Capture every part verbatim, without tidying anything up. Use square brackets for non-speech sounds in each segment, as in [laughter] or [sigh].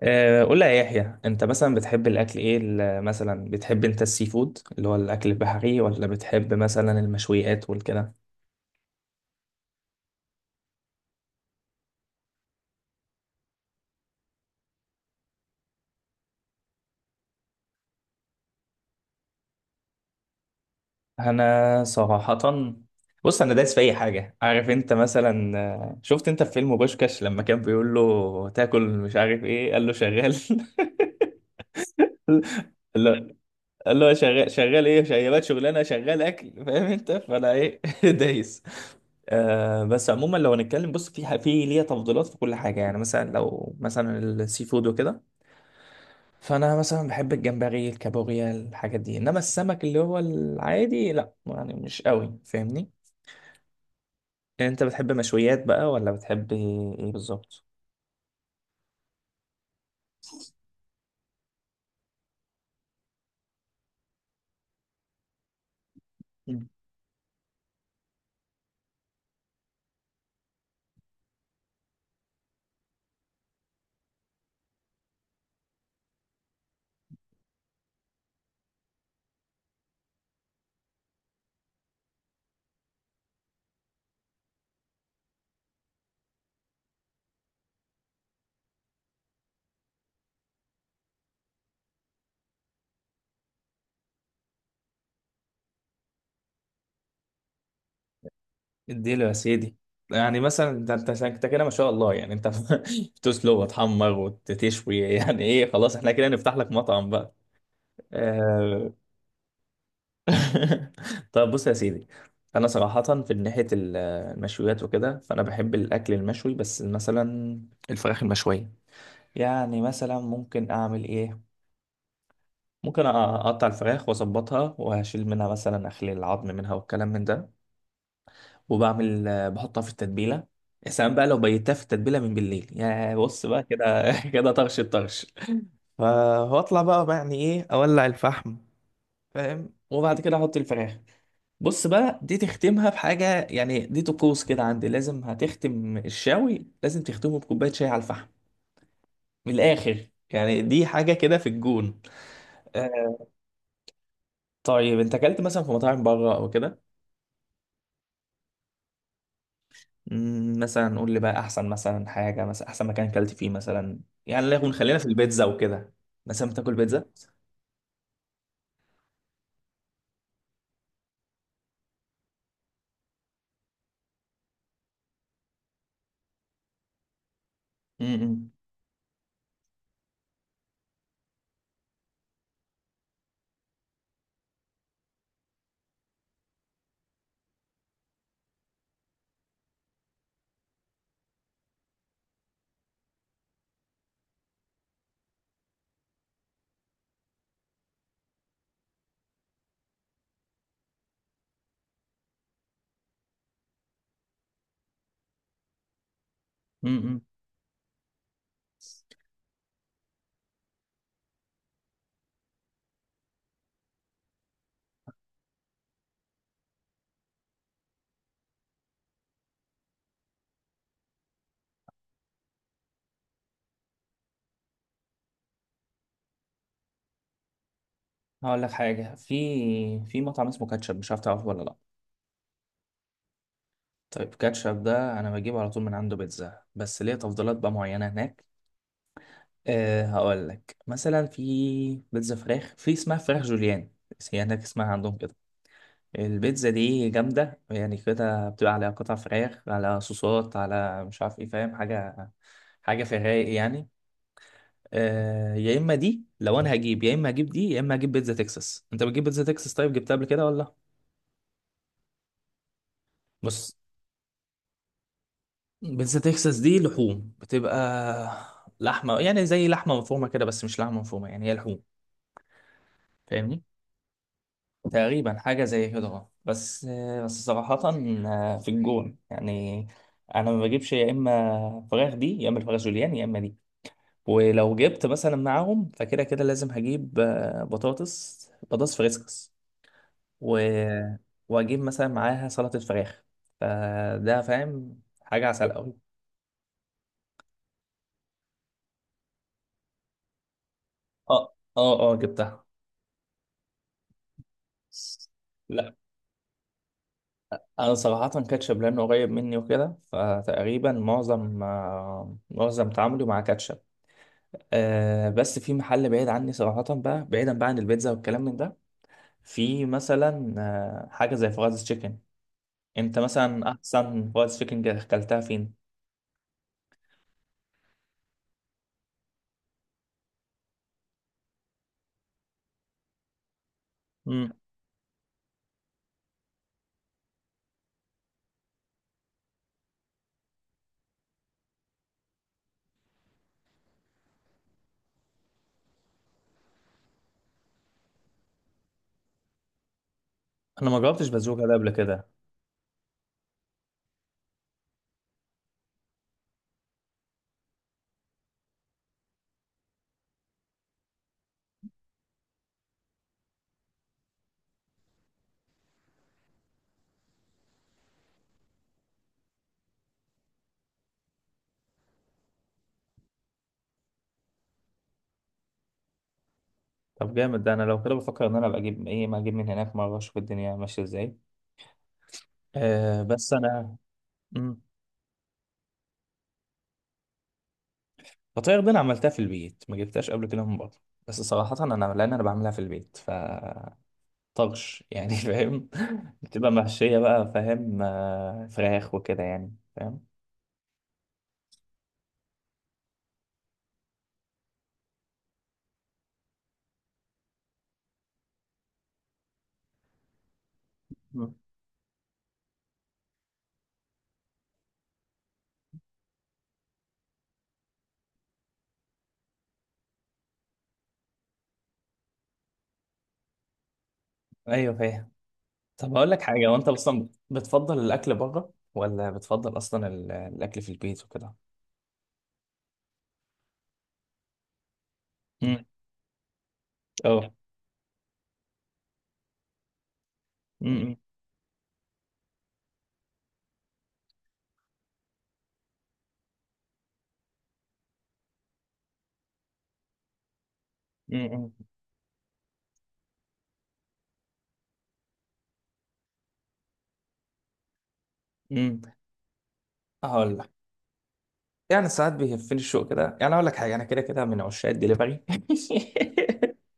آه، قول لي يا يحيى انت مثلا بتحب الاكل ايه ال- مثلا بتحب انت السي فود اللي هو الاكل البحري ولا بتحب مثلا المشويات والكده. انا صراحة، بص انا دايس في اي حاجة. عارف انت مثلا آه، شفت انت في فيلم بوشكاش لما كان بيقول له تاكل مش عارف ايه، قال له شغال. [laughs] لا، اللي هو شغال، شغال ايه، شغال شغلانه، شغال اكل، فاهم انت؟ فانا ايه [laughs] دايس. آه بس عموما لو هنتكلم، بص في ح- في ليا تفضيلات في كل حاجه يعني. مثلا لو مثلا السي فود وكده، فانا مثلا بحب الجمبري، الكابوريا، الحاجات دي. انما السمك اللي هو العادي لا، يعني مش قوي، فاهمني؟ يعني انت بتحب مشويات بقى ولا بتحب ايه، إيه بالظبط؟ اديله يا سيدي. يعني مثلا ده انت، انت كده ما شاء الله، يعني انت [laughs] بتسلق وتحمر وتشوي، يعني ايه، خلاص احنا كده نفتح لك مطعم بقى. آه. [laughs] طب بص يا سيدي، انا صراحة في ناحية ال- المشويات وكده، فانا بحب الاكل المشوي. بس مثلا الفراخ المشوية، يعني مثلا ممكن اعمل ايه، ممكن اقطع الفراخ واظبطها وهشيل منها مثلا، اخلي العظم منها والكلام من ده. وبعمل آه، بحطها في التتبيله. يا سلام بقى لو بيتها في التتبيله من بالليل، يا بص بقى كده [laughs] كده طرش الطرش. فاطلع بقى بقى يعني ايه، اولع الفحم، فاهم، وبعد كده احط الفراخ. بص بقى دي تختمها بحاجه، يعني دي طقوس كده عندي، لازم هتختم الشاوي، لازم تختمه بكوبايه شاي على الفحم، من الاخر يعني، دي حاجه كده في الجون. آه، طيب انت اكلت مثلا في مطاعم بره او كده؟ مم، مثلا قول لي بقى احسن مثلا حاجه، مثلا احسن مكان اكلت فيه مثلا. يعني لا يكون، خلينا في البيتزا وكده. مثلا بتاكل بيتزا؟ امم. امم. هقول لك حاجه، في في مطعم اسمه كاتشب، مش عارف تعرفه ولا لا. طيب كاتشب ده انا بجيبه على طول من عنده بيتزا، بس ليه تفضيلات بقى معينه هناك. أه هقول لك مثلا، في بيتزا فراخ، في اسمها فراخ جوليان، هي هناك اسمها عندهم كده. البيتزا دي جامدة يعني، كده بتبقى عليها قطع فراخ، على صوصات، على مش عارف ايه، فاهم حاجة، حاجة في الرايق يعني. آه يا اما دي لو انا هجيب، يا اما هجيب دي، يا اما هجيب بيتزا تكساس. انت بتجيب بيتزا تكساس؟ طيب جبتها قبل كده ولا؟ بص، بيتزا تكساس دي لحوم بتبقى، لحمة يعني زي لحمة مفرومة كده، بس مش لحمة مفرومة، يعني هي لحوم، فاهمني؟ تقريبا حاجة زي هجرة. بس بس صراحة آه، في الجون يعني. أنا ما بجيبش، يا إما فراخ دي، يا إما الفراخ جوليان، يا إما دي. ولو جبت مثلا معاهم، فكده كده لازم هجيب آه، بطاطس، بطاطس فريسكس، و... وأجيب مثلا معاها سلطة فراخ. فده فاهم حاجة عسل أوي. أه أه أه جبتها. لا، أنا صراحة كاتشب لأنه قريب مني وكده، فتقريبا معظم آه، معظم تعاملي مع كاتشب. آه بس في محل بعيد عني صراحة بقى، بعيدا بقى عن البيتزا والكلام من ده، في مثلا آه حاجة زي فرايز تشيكن. انت مثلا احسن فرايز تشيكن اكلتها فين؟ مم. انا ما جربتش بازوكا ده قبل كده. طب جامد ده، انا لو كده بفكر ان انا ابقى اجيب ايه، ما اجيب من هناك مرة اشوف الدنيا ماشية ازاي. آه بس انا. مم. فطاير دي انا عملتها في البيت، ما جبتهاش قبل كده من بره. بس صراحة انا لان انا بعملها في البيت، ف طرش يعني [laughs] فاهم. بتبقى محشية بقى، فاهم، آه، فراخ وكده يعني، فاهم. مم. ايوه فاهم. طب هقول لك حاجة، وانت اصلا بتفضل الاكل بره ولا بتفضل اصلا ال- الاكل في البيت وكده؟ امم. اه. امم. امم. امم. هقول لك، يعني ساعات بيهفني الشوق كده، يعني اقول لك حاجة، انا كده كده من عشاق الدليفري. [laughs]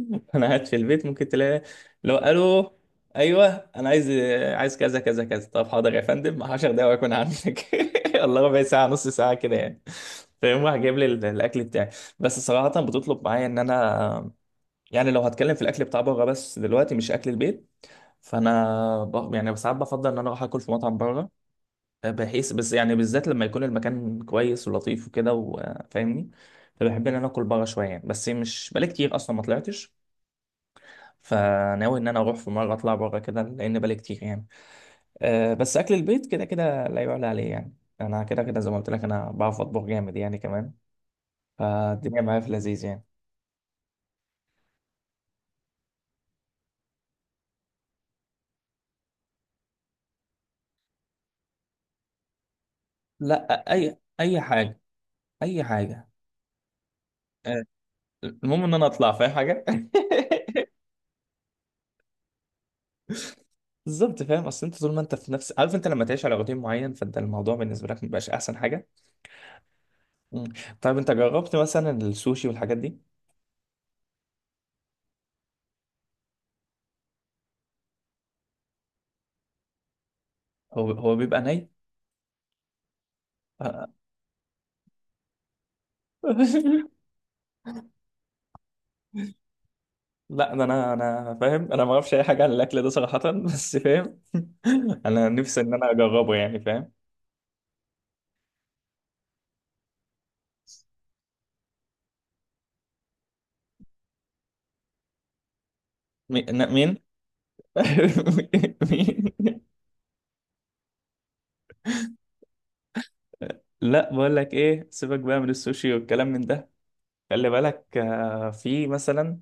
[laughs] انا قاعد في البيت ممكن تلاقي، لو الو، ايوه، انا عايز، عايز كذا كذا كذا، طب حاضر يا فندم عشر دقايق واكون عندك. [laughs] الله، ربع ساعه، نص ساعه كده يعني. فيقوم راح جايب لي ال- الاكل بتاعي. بس صراحه بتطلب معايا ان انا، يعني لو هتكلم في الاكل بتاع بره بس دلوقتي، مش اكل البيت، فانا ب... يعني ساعات بفضل ان انا اروح اكل في مطعم بره، بحيث بس يعني بالذات لما يكون المكان كويس ولطيف وكده، وفاهمني. فبحب ان انا اكل بره شويه يعني، بس مش بقالي كتير اصلا ما طلعتش، فناوي ان انا اروح في مره اطلع بره كده، لان بالي كتير يعني. أه بس اكل البيت كده كده لا يعلى عليه يعني. انا كده كده زي ما قلت لك، انا بعرف اطبخ جامد يعني كمان، فالدنيا معايا في لذيذ يعني. لا، اي اي حاجه، اي حاجه. أه، المهم ان انا اطلع، فاهم حاجه. [laughs] بالظبط فاهم، اصل انت طول ما انت في نفس، عارف انت لما تعيش على روتين معين فانت الموضوع بالنسبه لك مبيبقاش احسن حاجه. مم. طيب انت جربت مثلا السوشي والحاجات دي؟ هو هو بيبقى ني؟ [laughs] لا ده انا انا فاهم، انا ما اعرفش اي حاجه عن الاكل ده صراحه، [laughs] بس فاهم. [laughs] انا نفسي ان انا اجربه يعني، فاهم. مي- نا- مين؟ [laughs] مين؟ لا بقول لك ايه، سيبك بقى من السوشي والكلام من ده. خلي بالك آه، في مثلا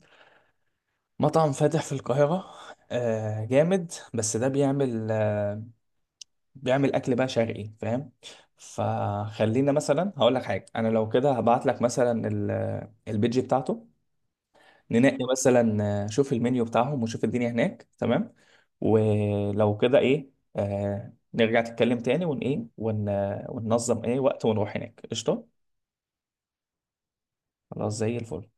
مطعم فاتح في القاهره، آه، جامد. بس ده بيعمل آه، بيعمل اكل بقى شرقي، فاهم. فخلينا مثلا، هقول لك حاجه، انا لو كده هبعت لك مثلا ال- البيج بتاعته، ننقي مثلا آه، شوف المنيو بتاعهم وشوف الدنيا هناك، تمام. ولو كده ايه، آه نرجع نتكلم تاني ون ايه ون آه، وننظم ايه وقت ونروح هناك، قشطه. خلاص زي الفل.